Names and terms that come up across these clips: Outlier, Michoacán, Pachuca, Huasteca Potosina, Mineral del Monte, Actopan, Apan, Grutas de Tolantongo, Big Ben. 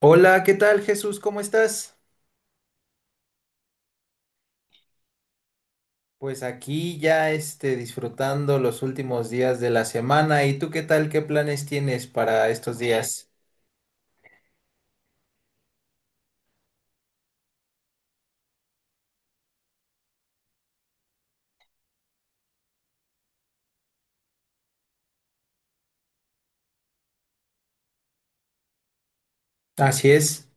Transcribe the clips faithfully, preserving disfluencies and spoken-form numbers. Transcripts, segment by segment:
Hola, ¿qué tal Jesús? ¿Cómo estás? Pues aquí ya este, disfrutando los últimos días de la semana. ¿Y tú qué tal? ¿Qué planes tienes para estos días? Así es.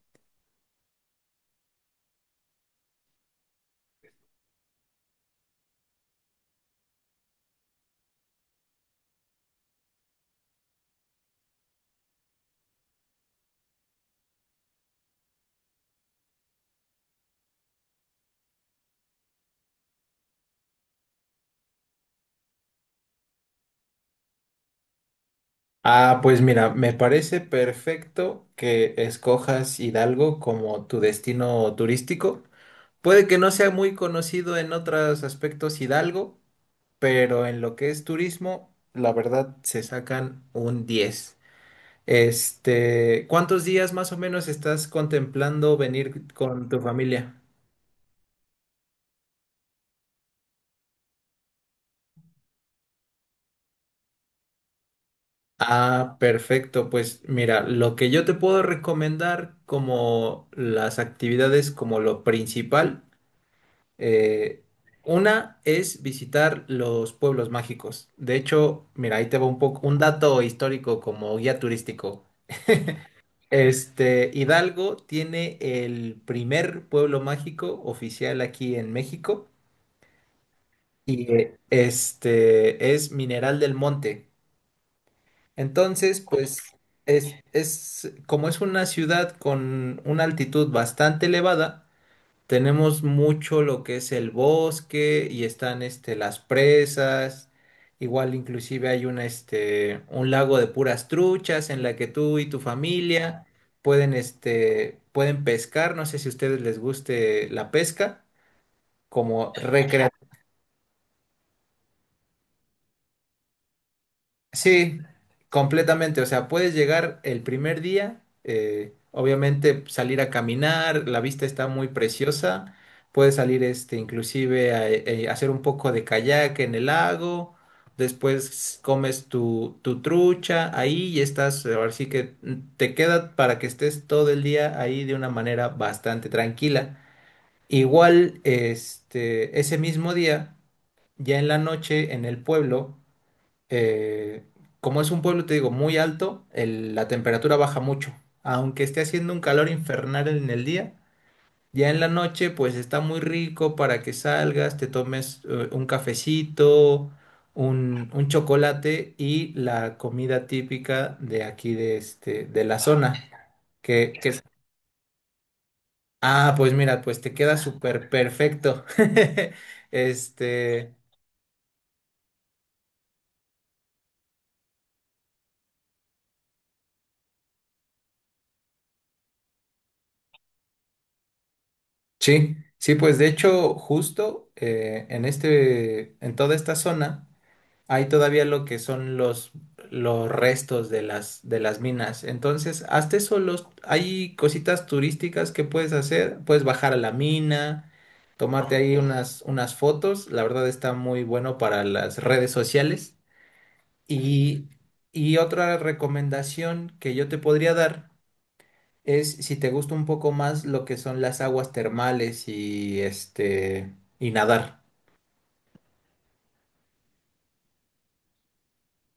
Ah, pues mira, me parece perfecto que escojas Hidalgo como tu destino turístico. Puede que no sea muy conocido en otros aspectos Hidalgo, pero en lo que es turismo, la verdad se sacan un diez. Este, ¿cuántos días más o menos estás contemplando venir con tu familia? Ah, perfecto. Pues mira, lo que yo te puedo recomendar como las actividades, como lo principal, eh, una es visitar los pueblos mágicos. De hecho, mira, ahí te va un poco un dato histórico como guía turístico. Este, Hidalgo tiene el primer pueblo mágico oficial aquí en México. Y eh, este es Mineral del Monte. Entonces, pues es, es como es una ciudad con una altitud bastante elevada, tenemos mucho lo que es el bosque y están este las presas. Igual inclusive hay una este un lago de puras truchas en la que tú y tu familia pueden este pueden pescar, no sé si a ustedes les guste la pesca como Sí, completamente. O sea, puedes llegar el primer día, eh, obviamente salir a caminar, la vista está muy preciosa. Puedes salir, este, inclusive a, eh, hacer un poco de kayak en el lago. Después comes tu, tu trucha ahí y estás, eh, ahora sí que mm, te queda para que estés todo el día ahí de una manera bastante tranquila. Igual, este, ese mismo día, ya en la noche en el pueblo, eh, como es un pueblo, te digo, muy alto, el- la temperatura baja mucho. Aunque esté haciendo un calor infernal en el día, ya en la noche pues está muy rico para que salgas, te tomes eh, un cafecito, un, un chocolate y la comida típica de aquí de, este, de la zona. Que, que, ah, pues mira, pues te queda súper perfecto. Este... Sí, sí, pues de hecho, justo eh, en este, en toda esta zona hay todavía lo que son los, los restos de las, de las minas. Entonces, hasta eso los, hay cositas turísticas que puedes hacer. Puedes bajar a la mina, tomarte ahí unas, unas fotos. La verdad está muy bueno para las redes sociales. Y, y otra recomendación que yo te podría dar. Es si te gusta un poco más lo que son las aguas termales y este y nadar.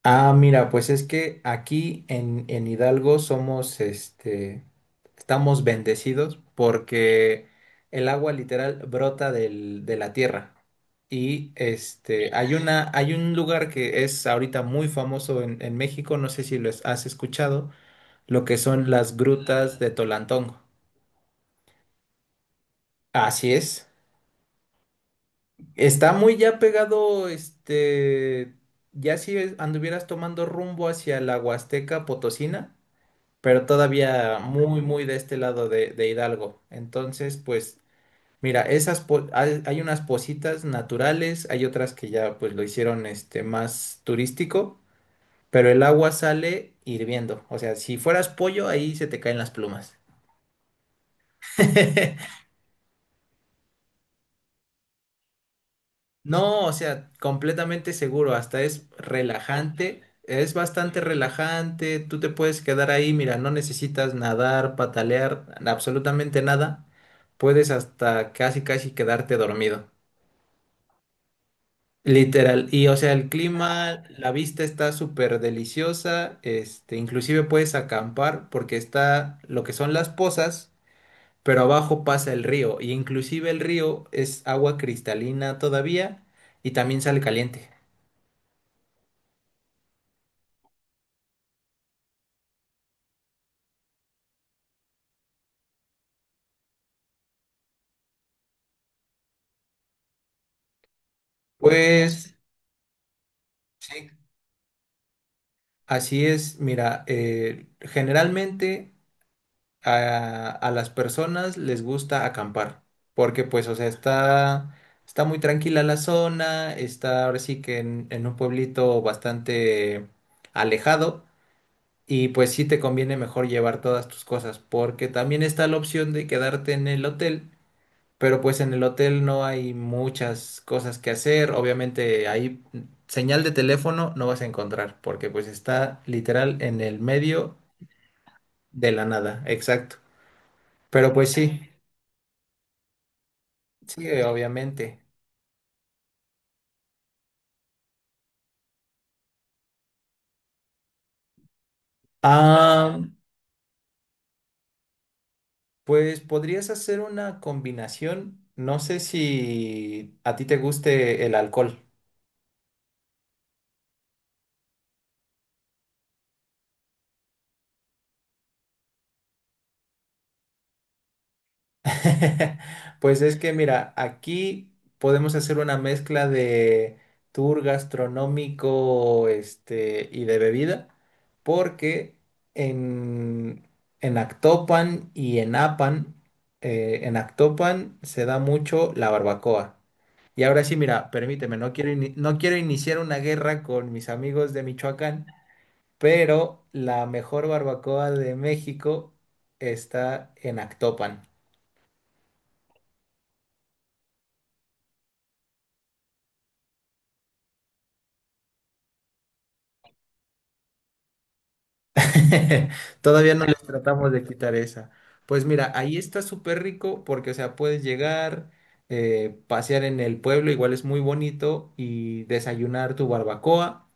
Ah, mira, pues es que aquí en, en Hidalgo somos este estamos bendecidos porque el agua literal brota del- de la tierra. Y este hay una, hay un lugar que es ahorita muy famoso en, en México, no sé si lo has escuchado, lo que son las grutas de Tolantongo. Así es. Está muy ya pegado, este, ya si es- anduvieras tomando rumbo hacia la Huasteca Potosina, pero todavía muy, muy de este lado de, de Hidalgo. Entonces, pues, mira, esas po- hay, hay unas positas naturales, hay otras que ya pues lo hicieron este más turístico, pero el agua sale hirviendo. O sea, si fueras pollo, ahí se te caen las plumas. No, o sea, completamente seguro, hasta es relajante, es bastante relajante, tú te puedes quedar ahí, mira, no necesitas nadar, patalear, absolutamente nada, puedes hasta casi casi quedarte dormido, literal, y o sea, el clima, la vista está súper deliciosa, este, inclusive puedes acampar porque está lo que son las pozas, pero abajo pasa el río, y inclusive el río es agua cristalina todavía y también sale caliente. Pues sí, así es. Mira, eh, generalmente a, a las personas les gusta acampar, porque pues, o sea, está, está muy tranquila la zona, está ahora sí que en, en un pueblito bastante alejado y pues sí te conviene mejor llevar todas tus cosas, porque también está la opción de quedarte en el hotel, pero pues en el hotel no hay muchas cosas que hacer. Obviamente ahí mm, señal de teléfono no vas a encontrar, porque pues está literal en el medio de la nada, exacto. Pero pues sí, sí, eh, obviamente. Ah, pues podrías hacer una combinación. No sé si a ti te guste el alcohol. Pues es que mira, aquí podemos hacer una mezcla de tour gastronómico, este, y de bebida, porque en, en Actopan y en Apan, eh, en Actopan se da mucho la barbacoa. Y ahora sí, mira, permíteme, no quiero, ini- no quiero iniciar una guerra con mis amigos de Michoacán, pero la mejor barbacoa de México está en Actopan. Todavía no les tratamos de quitar esa. Pues mira, ahí está súper rico porque, o sea, puedes llegar, eh, pasear en el pueblo, igual es muy bonito, y desayunar tu barbacoa.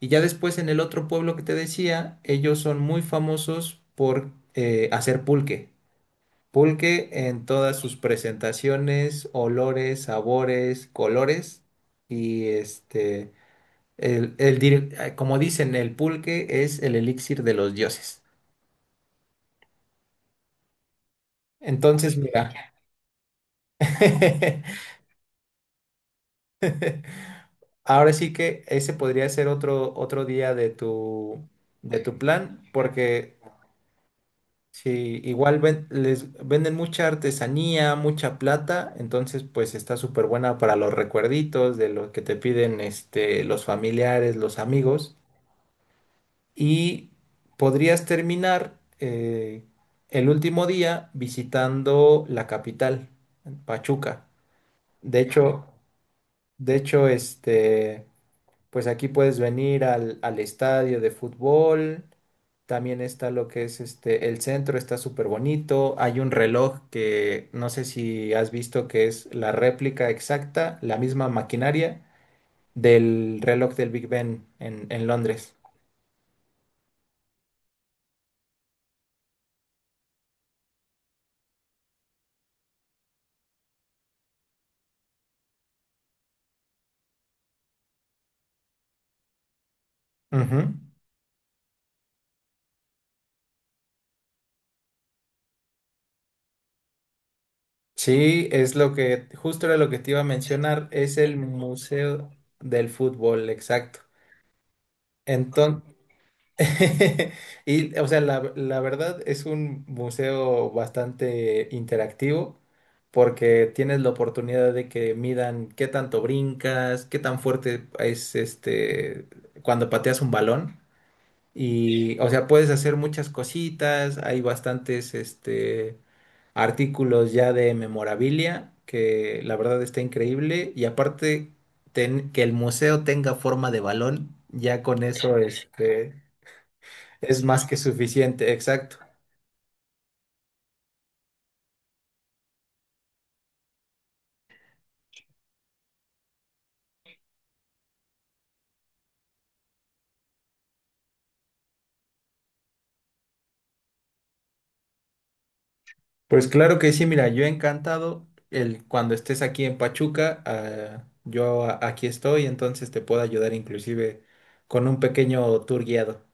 Y ya después en el otro pueblo que te decía, ellos son muy famosos por eh, hacer pulque. Pulque en todas sus presentaciones, olores, sabores, colores. Y este, el, el dir- como dicen, el pulque es el elixir de los dioses. Entonces, mira, ahora sí que ese podría ser otro, otro día de tu, de tu plan, porque si igual ven- les venden mucha artesanía, mucha plata, entonces pues está súper buena para los recuerditos de lo que te piden este, los familiares, los amigos, y podrías terminar eh, el último día visitando la capital, Pachuca. De hecho, de hecho, este... Pues aquí puedes venir al, al estadio de fútbol. También está lo que es este, el centro está súper bonito. Hay un reloj que no sé si has visto que es la réplica exacta, la misma maquinaria del reloj del Big Ben en, en Londres. Ujú. Sí, es lo que, justo era lo que te iba a mencionar, es el Museo del Fútbol, exacto. Enton Y, o sea, la, la verdad es un museo bastante interactivo porque tienes la oportunidad de que midan qué tanto brincas, qué tan fuerte es este cuando pateas un balón. Y, o sea, puedes hacer muchas cositas. Hay bastantes este, artículos ya de memorabilia que la verdad está increíble. Y aparte, ten- que el museo tenga forma de balón, ya con eso, este. Es más que suficiente, exacto. Pues claro que sí, mira, yo encantado el cuando estés aquí en Pachuca, ah, yo a- aquí estoy, entonces te puedo ayudar inclusive con un pequeño tour guiado.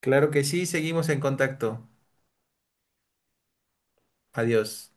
Claro que sí, seguimos en contacto. Adiós.